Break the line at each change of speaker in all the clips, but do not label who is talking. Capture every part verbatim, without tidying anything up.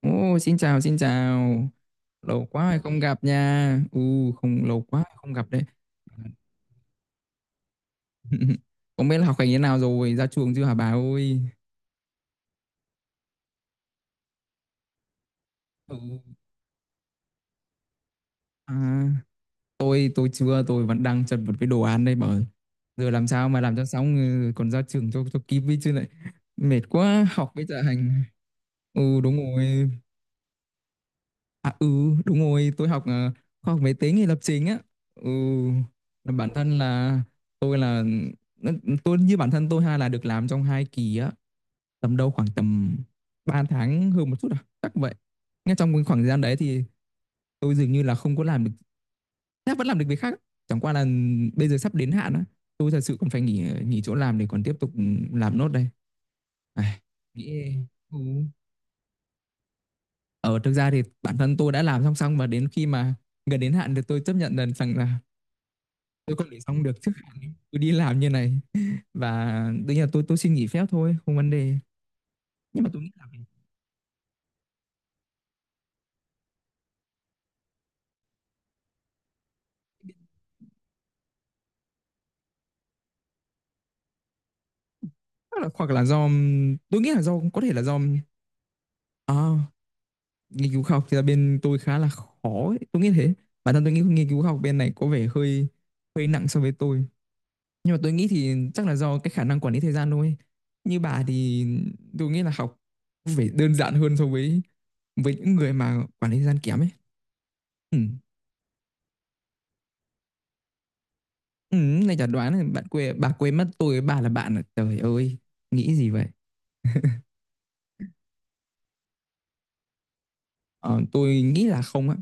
Ồ, xin chào, xin chào. Lâu quá rồi không gặp nha. Ừ, không lâu quá rồi không gặp đấy. Không biết là học hành thế nào rồi, ra trường chưa hả bà ơi? Ừ. À, tôi tôi chưa, tôi vẫn đang chật vật với đồ án đây bà ơi. Giờ làm sao mà làm cho xong ừ, còn ra trường cho cho kịp với chứ lại mệt quá học với dạ hành. Ừ đúng rồi. À ừ đúng rồi, tôi học ờ, khoa học máy tính thì lập trình á. ừ là bản thân là tôi là tôi, như bản thân tôi hay là được làm trong hai kỳ á, tầm đâu khoảng tầm ba tháng hơn một chút à chắc vậy. Ngay trong cái khoảng thời gian đấy thì tôi dường như là không có làm được, chắc vẫn làm được việc khác, chẳng qua là bây giờ sắp đến hạn á, tôi thật sự còn phải nghỉ, ờ, nghỉ chỗ làm để còn tiếp tục làm nốt đây. Ai, nghĩ. Ừ. Ở thực ra thì bản thân tôi đã làm song song, và đến khi mà gần đến hạn thì tôi chấp nhận lần rằng là tôi còn để xong được chứ. Tôi đi làm như này và đương nhiên là tôi tôi xin nghỉ phép thôi, không vấn đề. Nhưng mà tôi nghĩ là chắc là hoặc là do, tôi nghĩ là do có thể là do, à, nghiên cứu khoa học thì là bên tôi khá là khó ấy. Tôi nghĩ thế, bản thân tôi nghĩ nghiên cứu khoa học bên này có vẻ hơi hơi nặng so với tôi. Nhưng mà tôi nghĩ thì chắc là do cái khả năng quản lý thời gian thôi, như bà thì tôi nghĩ là học phải đơn giản hơn so với với những người mà quản lý thời gian kém ấy. Ừ. Ừm, này chả đoán là bạn quên, bà quên mất tôi với bà là bạn à. Trời ơi, nghĩ gì vậy? Ờ, tôi nghĩ là không á.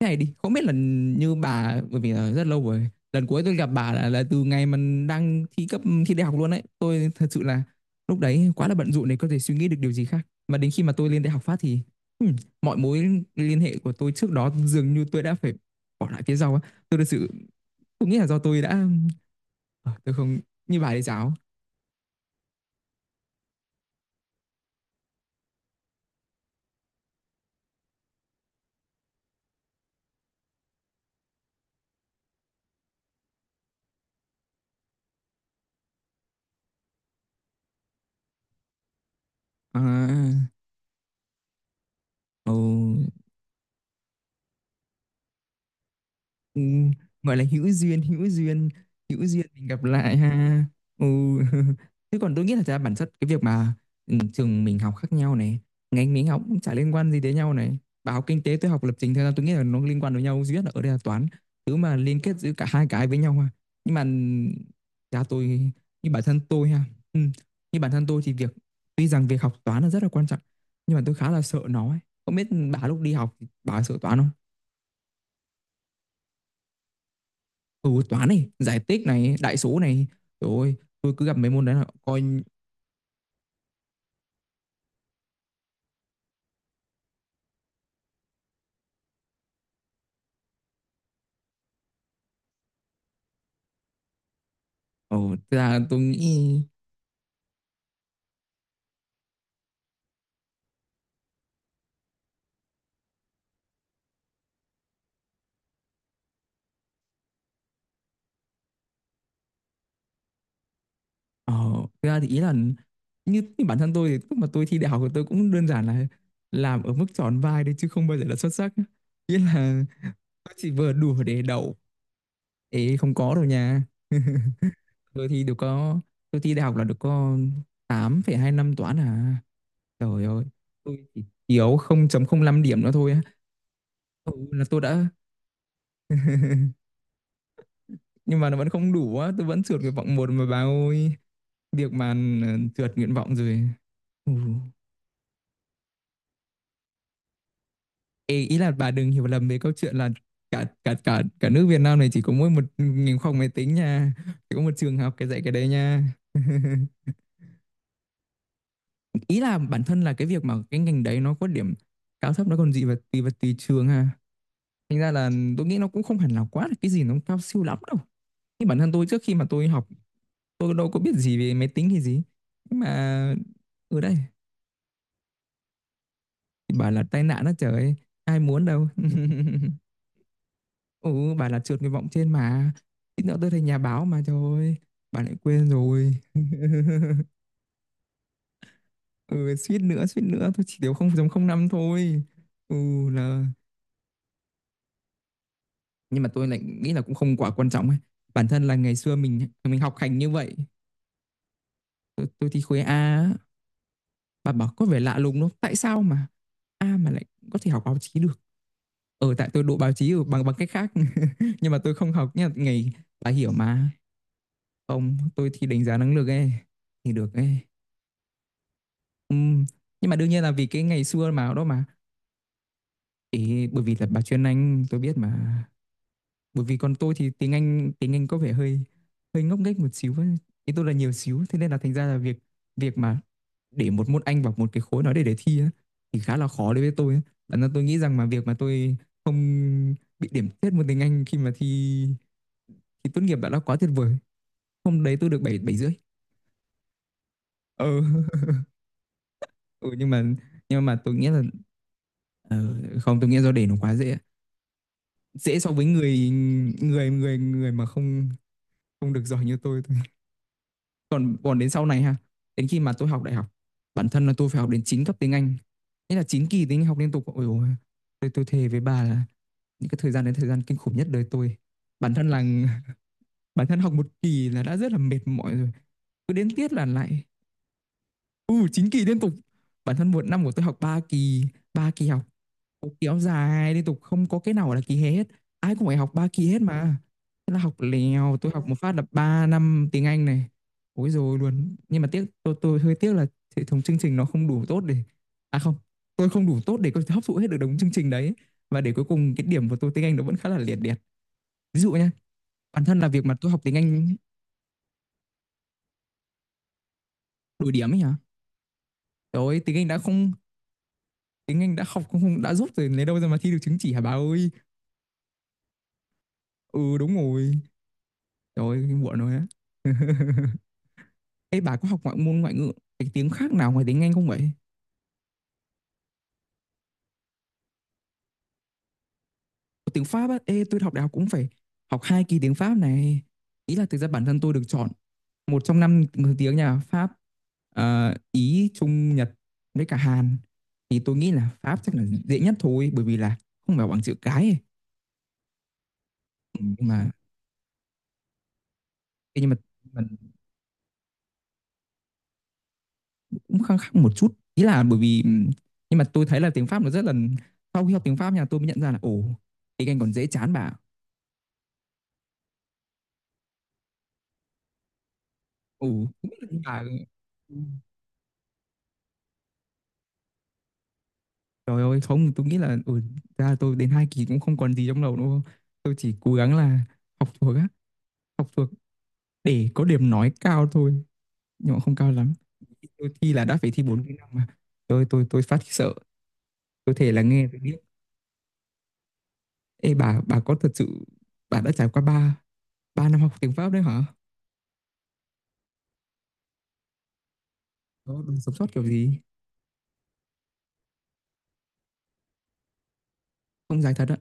Thế này đi, không biết là như bà, bởi vì là rất lâu rồi. Lần cuối tôi gặp bà là, là từ ngày mình đang thi cấp, thi đại học luôn đấy. Tôi thật sự là lúc đấy quá là bận rộn để có thể suy nghĩ được điều gì khác. Mà đến khi mà tôi lên đại học phát thì ừm, mọi mối liên hệ của tôi trước đó dường như tôi đã phải bỏ lại phía sau á. Tôi thật sự tôi nghĩ là do tôi đã, ờ, tôi không như bà đấy giáo. À, ừ, ừ, gọi là hữu duyên, hữu duyên, hữu duyên mình gặp lại ha. Ừ. Thế còn tôi nghĩ là thật ra bản chất cái việc mà, ừ, trường mình học khác nhau này, ngành mình học cũng chả liên quan gì tới nhau này, bà học kinh tế tôi học lập trình, thật ra tôi nghĩ là nó liên quan với nhau duy nhất là ở đây là toán, thứ mà liên kết giữa cả hai cái với nhau ha. Nhưng mà ừ, cha tôi, như bản thân tôi ha. Ừ. Như bản thân tôi thì việc, tuy rằng việc học toán là rất là quan trọng, nhưng mà tôi khá là sợ nó ấy. Không biết bà lúc đi học thì bà sợ toán không? Ừ toán này, giải tích này, đại số này, rồi tôi cứ gặp mấy môn đấy là coi. ờ Thực ra tôi nghĩ, ờ thực ra thì ý là như, như bản thân tôi thì lúc mà tôi thi đại học thì tôi cũng đơn giản là làm ở mức tròn vai đấy chứ không bao giờ là xuất sắc. Nghĩa là tôi chỉ vừa đủ để đậu ấy, không có đâu nha. Tôi thi được có, tôi thi đại học là được có tám phẩy hai năm toán à, trời ơi. Tôi chỉ thiếu không chấm không năm điểm nữa thôi á. ừ, là tôi đã, nhưng mà nó vẫn không đủ á, tôi vẫn trượt nguyện vọng một mà bà ơi. Việc mà, ờ, trượt nguyện vọng rồi. Ừ. Ê, ý là bà đừng hiểu lầm về câu chuyện là cả cả cả cả nước Việt Nam này chỉ có mỗi một ngành khoa học máy tính nha, chỉ có một trường học cái dạy cái đấy nha. Ý là bản thân là cái việc mà cái ngành đấy nó có điểm cao thấp nó còn gì, và tùy và tùy trường ha, thành ra là tôi nghĩ nó cũng không hẳn là quá là cái gì nó cao siêu lắm đâu. Như bản thân tôi trước khi mà tôi học, tôi đâu có biết gì về máy tính hay gì, nhưng mà ở đây. Bảo là tai nạn đó trời, ai muốn đâu. Ừ, bà là trượt nguyện vọng trên mà. Ít nữa tôi thành nhà báo mà trời ơi, bà lại quên rồi. Ừ, suýt nữa, suýt nữa, tôi chỉ thiếu không chấm không năm thôi. Ừ là, nhưng mà tôi lại nghĩ là cũng không quá quan trọng ấy. Bản thân là ngày xưa mình mình học hành như vậy, tôi, tôi thi khối A, á. Bà bảo có vẻ lạ lùng đúng không? Tại sao mà A mà lại có thể học báo chí được? Ờ tại tôi đỗ báo chí ở bằng bằng cách khác. Nhưng mà tôi không học nha ngày, bà hiểu mà. Không, tôi thi đánh giá năng lực ấy thì được ấy. Ừm, Nhưng mà đương nhiên là vì cái ngày xưa mà đó mà ý, bởi vì là bà chuyên Anh tôi biết mà. Bởi vì còn tôi thì tiếng Anh tiếng Anh có vẻ hơi hơi ngốc nghếch một xíu ấy. Ý tôi là nhiều xíu, thế nên là thành ra là việc, việc mà để một môn Anh vào một cái khối đó để để thi á thì khá là khó đối với tôi ấy. Bản thân tôi nghĩ rằng mà việc mà tôi không bị điểm thấp môn tiếng Anh khi mà thi thi tốt nghiệp đã là quá tuyệt vời. Hôm đấy tôi được bảy bảy rưỡi. Ờ. Ừ, nhưng mà nhưng mà tôi nghĩ là, ờ, không tôi nghĩ do để nó quá dễ dễ so với người người người người mà không không được giỏi như tôi thôi. Còn còn đến sau này ha, đến khi mà tôi học đại học, bản thân là tôi phải học đến chín cấp tiếng Anh, nghĩa là chín kỳ tiếng Anh học liên tục, ôi ôi, tôi, tôi thề với bà là những cái thời gian đấy thời gian kinh khủng nhất đời tôi. Bản thân là bản thân học một kỳ là đã rất là mệt mỏi rồi, cứ đến tiết là lại. Ừ, chín kỳ liên tục, bản thân một năm của tôi học ba kỳ, ba kỳ học kiểu dài liên tục, không có cái nào gọi là kỳ hè hết, ai cũng phải học ba kỳ hết mà. Thế là học lèo, tôi học một phát là ba năm tiếng Anh này. Ối rồi luôn, nhưng mà tiếc, tôi tôi hơi tiếc là hệ thống chương trình nó không đủ tốt để, à không, tôi không đủ tốt để có thể hấp thụ hết được đống chương trình đấy. Và để cuối cùng cái điểm của tôi tiếng Anh nó vẫn khá là liệt liệt. Ví dụ nha, bản thân là việc mà tôi học tiếng Anh. Đổi điểm ấy hả? Trời ơi tiếng Anh đã không, tiếng Anh đã học không, không đã giúp rồi lấy đâu ra mà thi được chứng chỉ hả bà ơi. Ừ đúng rồi, trời ơi muộn rồi á. Ê bà có học ngoại môn, ngoại ngữ cái tiếng khác nào ngoài tiếng Anh không vậy? Có. Tiếng Pháp á, ê tôi học đại học cũng phải học hai kỳ tiếng Pháp này. Ý là thực ra bản thân tôi được chọn một trong năm thứ tiếng nhà Pháp, ờ, Ý, Trung, Nhật với cả Hàn. Thì tôi nghĩ là Pháp chắc là dễ nhất thôi, bởi vì là không phải bằng chữ cái ấy. Ừ, nhưng mà ê, nhưng mà mình cũng khăng khăng một chút. Ý là bởi vì ừm, nhưng mà tôi thấy là tiếng Pháp nó rất là, sau khi học tiếng Pháp nhà tôi mới nhận ra là ồ, tiếng Anh còn dễ chán bà. Ồ, không biết là bà. Trời ơi không tôi nghĩ là ừ, ra là tôi đến hai kỳ cũng không còn gì trong đầu đâu, tôi chỉ cố gắng là học thuộc á, học thuộc để có điểm nói cao thôi, nhưng mà không cao lắm. Tôi thi là đã phải thi bốn kỹ năng mà, tôi tôi tôi phát sợ, tôi thể là nghe tôi biết. Ê bà bà có thật sự bà đã trải qua ba ba năm học tiếng Pháp đấy hả? Đó, bà sống sót kiểu gì? Không dài thật á.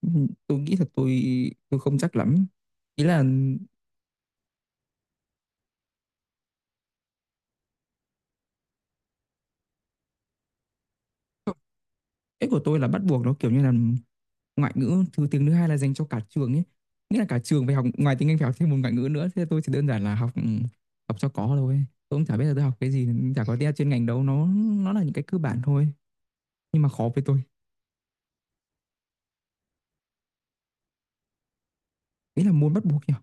Ừ, tôi nghĩ thật tôi tôi không chắc lắm, ý là. Cái của tôi là bắt buộc, nó kiểu như là ngoại ngữ thứ, tiếng thứ hai là dành cho cả trường ấy. Nghĩa là cả trường phải học ngoài tiếng Anh phải học thêm một ngoại ngữ nữa. Thế tôi chỉ đơn giản là học, ừ, học cho có thôi. Tôi cũng chả biết là tôi học cái gì, chả có tiếng chuyên ngành đâu, nó nó là những cái cơ bản thôi. Nhưng mà khó với tôi. Ý là môn bắt buộc nhỉ.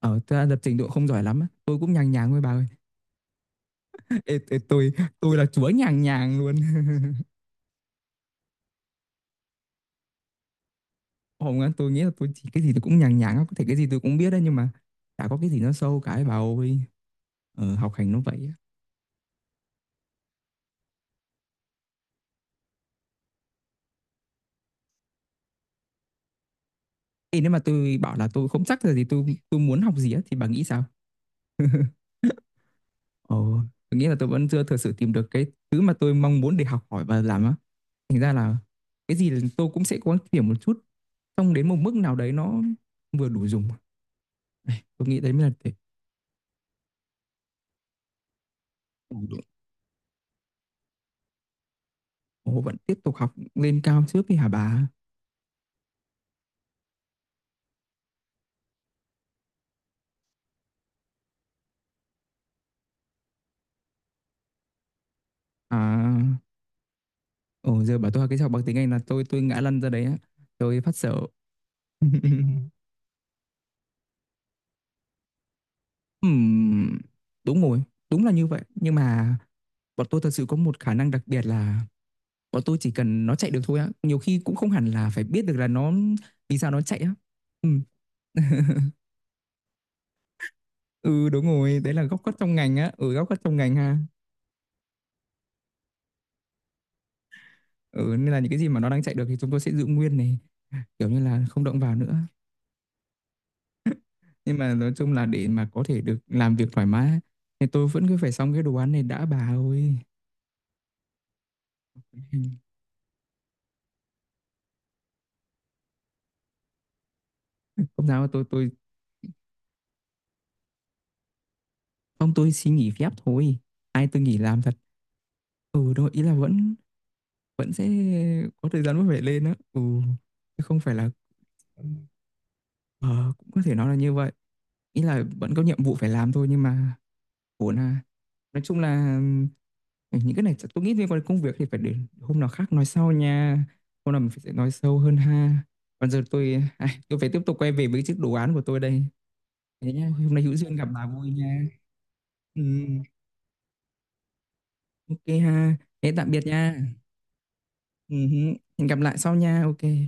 Ở ta lập trình độ không giỏi lắm á. Tôi cũng nhàng nhàng thôi bà ơi. Ê, ê, tôi tôi là chúa nhàng nhàng luôn. Không á, tôi nghĩ là tôi chỉ cái gì tôi cũng nhàng nhàng á, có thể cái gì tôi cũng biết đấy nhưng mà chả có cái gì nó sâu cái bà ơi. Ờ, học hành nó vậy á. Ê, nếu mà tôi bảo là tôi không chắc là gì tôi tôi muốn học gì á thì bà nghĩ sao? Ồ, tôi nghĩ là tôi vẫn chưa thực sự tìm được cái thứ mà tôi mong muốn để học hỏi và làm á. Thành ra là cái gì là tôi cũng sẽ cố gắng tìm một chút, xong đến một mức nào đấy nó vừa đủ dùng. Này, tôi nghĩ đấy mới là để đủ đủ. Ồ, vẫn tiếp tục học lên cao trước đi hả bà? À, ồ giờ bảo tôi học cái học bằng tiếng Anh là tôi tôi ngã lăn ra đấy á. Tôi phát sợ. Ừm, đúng rồi, đúng là như vậy. Nhưng mà bọn tôi thật sự có một khả năng đặc biệt là bọn tôi chỉ cần nó chạy được thôi á, nhiều khi cũng không hẳn là phải biết được là nó vì sao nó chạy á. Ừm. Ừ, đúng rồi, đấy là góc khuất trong ngành á, ở ừ, góc khuất trong ngành ha. Ừ, nên là những cái gì mà nó đang chạy được thì chúng tôi sẽ giữ nguyên này, kiểu như là không động vào nữa. Nhưng mà nói chung là để mà có thể được làm việc thoải mái á, thì tôi vẫn cứ phải xong cái đồ án này đã bà ơi. Không sao tôi, tôi không tôi xin nghỉ phép thôi. Ai tôi nghỉ làm thật. Ừ, đúng rồi, ý là vẫn, vẫn sẽ có thời gian vẫn phải lên á, ừ, chứ không phải là ờ, cũng có thể nói là như vậy, ý là vẫn có nhiệm vụ phải làm thôi nhưng mà ổn à, nói chung là ừ, những cái này chắc tôi nghĩ liên quan đến công việc thì phải để hôm nào khác nói sau nha, hôm nào mình sẽ nói sâu hơn ha. Còn giờ tôi ai, tôi phải tiếp tục quay về với chiếc đồ án của tôi đây. Thế nhá, hôm nay hữu duyên gặp bà vui nha. Ừ, ok ha, thế tạm biệt nha. Ừ, hử. Hẹn gặp lại sau nha, ok.